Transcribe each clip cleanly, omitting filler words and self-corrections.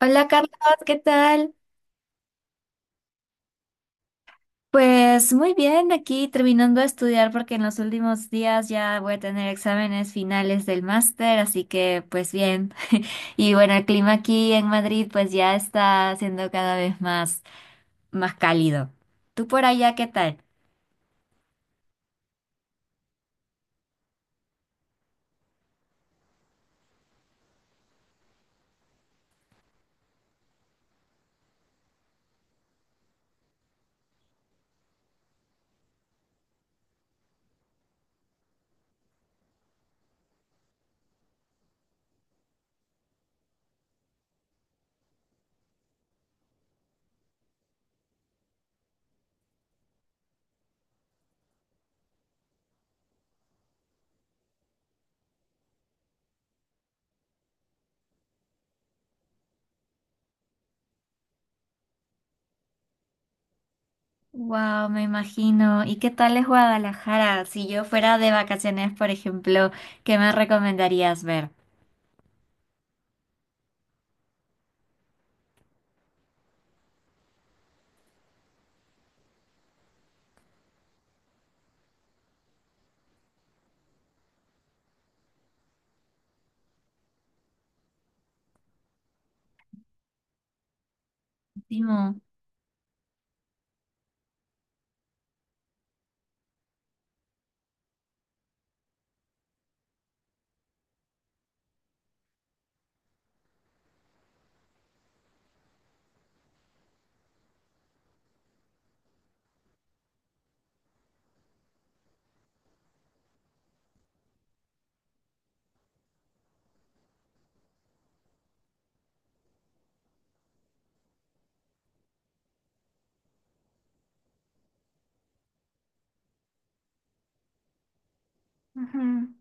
Hola Carlos, ¿qué tal? Pues muy bien, aquí terminando de estudiar porque en los últimos días ya voy a tener exámenes finales del máster, así que pues bien. Y bueno, el clima aquí en Madrid pues ya está siendo cada vez más, más cálido. ¿Tú por allá qué tal? Wow, me imagino. ¿Y qué tal es Guadalajara? Si yo fuera de vacaciones, por ejemplo, ¿qué me recomendarías ver? Timo. Ujú.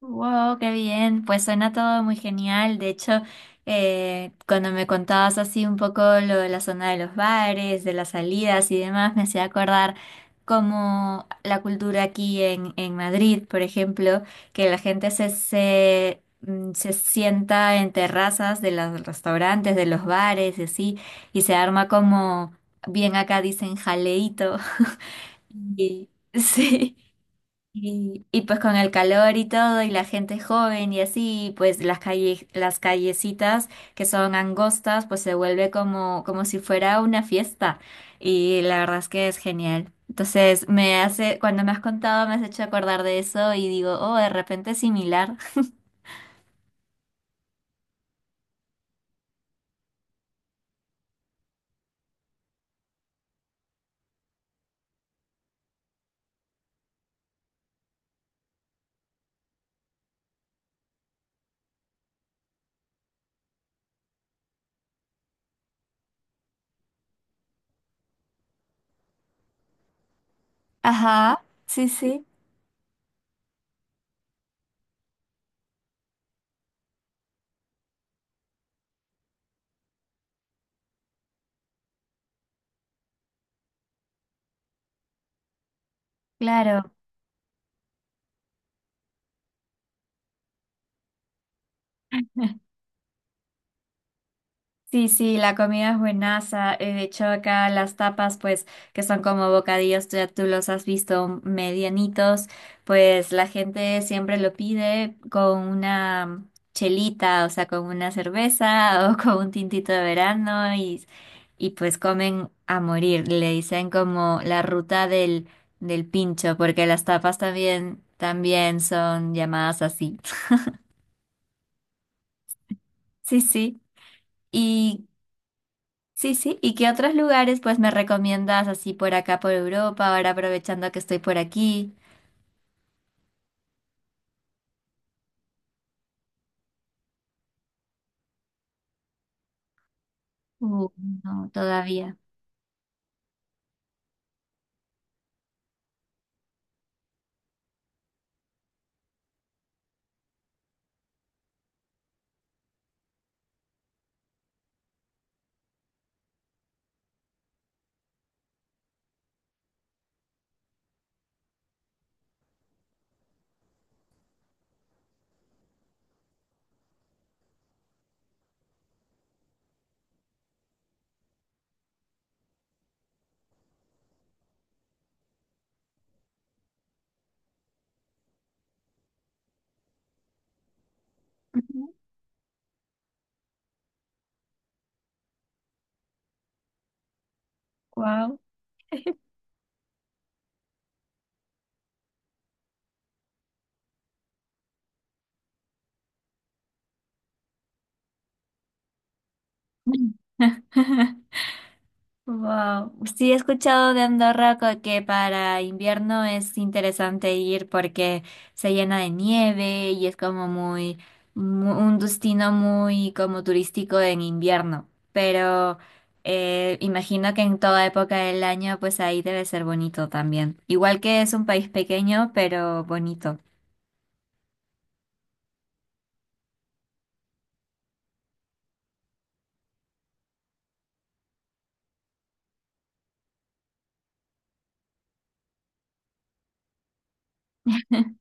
Wow, qué bien. Pues suena todo muy genial. De hecho, cuando me contabas así un poco lo de la zona de los bares, de las salidas y demás, me hacía acordar como la cultura aquí en Madrid, por ejemplo, que la gente se sienta en terrazas de los restaurantes, de los bares y así, y se arma como, bien acá dicen jaleíto. Y sí. Y pues con el calor y todo, y la gente joven y así, pues las calles, las callecitas que son angostas, pues se vuelve como, como si fuera una fiesta. Y la verdad es que es genial. Entonces me hace, cuando me has contado, me has hecho acordar de eso y digo, oh, de repente es similar. Ajá, sí, sí, claro. Sí, sí, la comida es buenaza. De hecho, acá las tapas, pues, que son como bocadillos, ya tú los has visto medianitos, pues la gente siempre lo pide con una chelita, o sea, con una cerveza o con un tintito de verano y pues comen a morir. Le dicen como la ruta del pincho, porque las tapas también, también son llamadas así. Sí, sí. ¿Y sí, sí, ¿y qué otros lugares pues me recomiendas así por acá, por Europa, ahora aprovechando que estoy por aquí? Uh, no, todavía. Wow. Wow. Sí, he escuchado de Andorra que para invierno es interesante ir porque se llena de nieve y es como muy, un destino muy como turístico en invierno. Pero imagino que en toda época del año, pues ahí debe ser bonito también. Igual que es un país pequeño, pero bonito.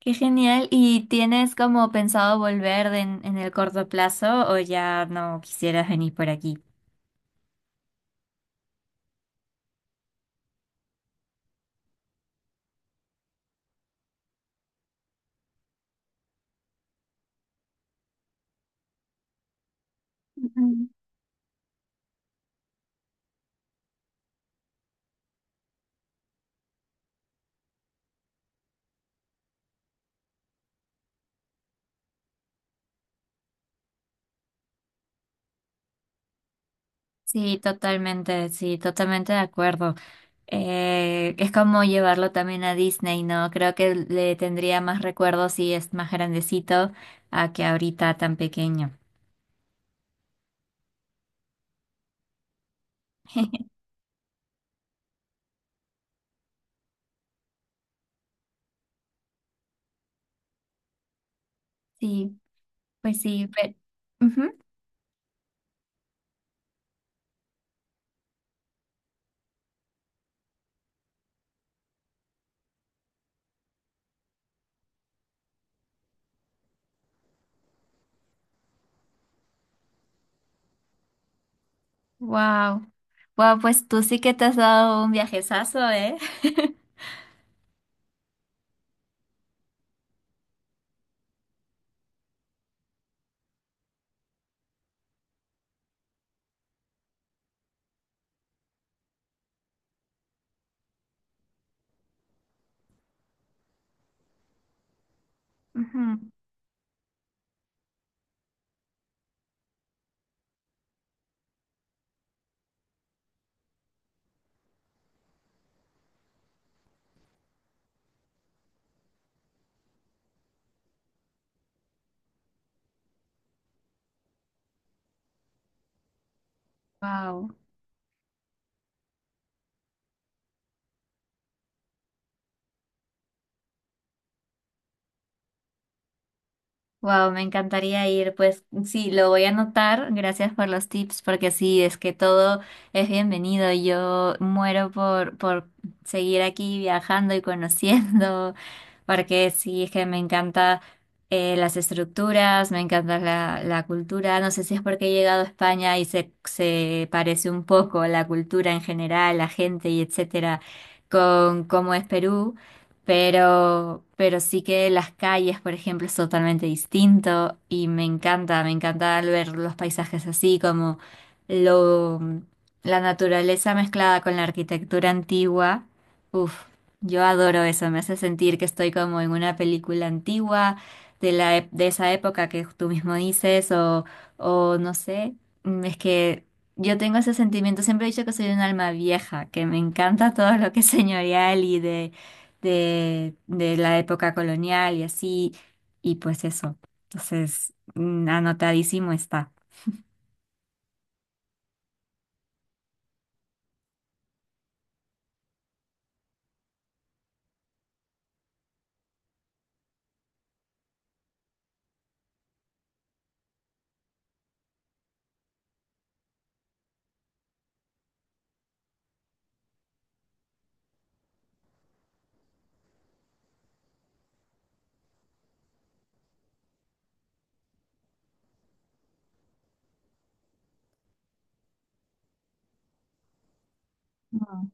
Qué genial. ¿Y tienes como pensado volver en el corto plazo o ya no quisieras venir por aquí? Sí, totalmente de acuerdo. Es como llevarlo también a Disney, ¿no? Creo que le tendría más recuerdos si es más grandecito a que ahorita tan pequeño. Sí, pues sí, pero... Wow. Wow, pues tú sí que te has dado un viajezazo, ¿eh? Wow. Wow, me encantaría ir. Pues sí, lo voy a anotar. Gracias por los tips, porque sí, es que todo es bienvenido. Yo muero por seguir aquí viajando y conociendo, porque sí, es que me encanta las estructuras, me encanta la cultura. No sé si es porque he llegado a España y se parece un poco la cultura en general, la gente y etcétera, con cómo es Perú. Pero sí que las calles, por ejemplo, es totalmente distinto y me encanta al ver los paisajes así, como lo, la naturaleza mezclada con la arquitectura antigua. Uf, yo adoro eso, me hace sentir que estoy como en una película antigua de de esa época que tú mismo dices o no sé, mm, es que yo tengo ese sentimiento, siempre he dicho que soy un alma vieja, que me encanta todo lo que es señorial y de la época colonial y así, y pues eso. Entonces, mm, anotadísimo está. Mm.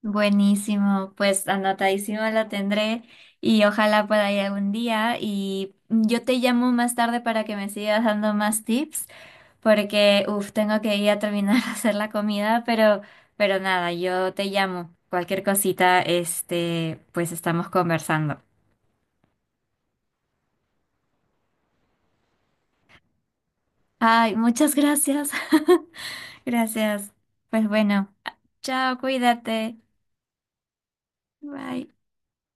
Buenísimo, pues anotadísimo la tendré y ojalá pueda ir algún día y yo te llamo más tarde para que me sigas dando más tips porque, uff, tengo que ir a terminar de hacer la comida, pero nada, yo te llamo. Cualquier cosita, este, pues estamos conversando. Ay, muchas gracias. Gracias. Pues bueno, chao, cuídate. Bye.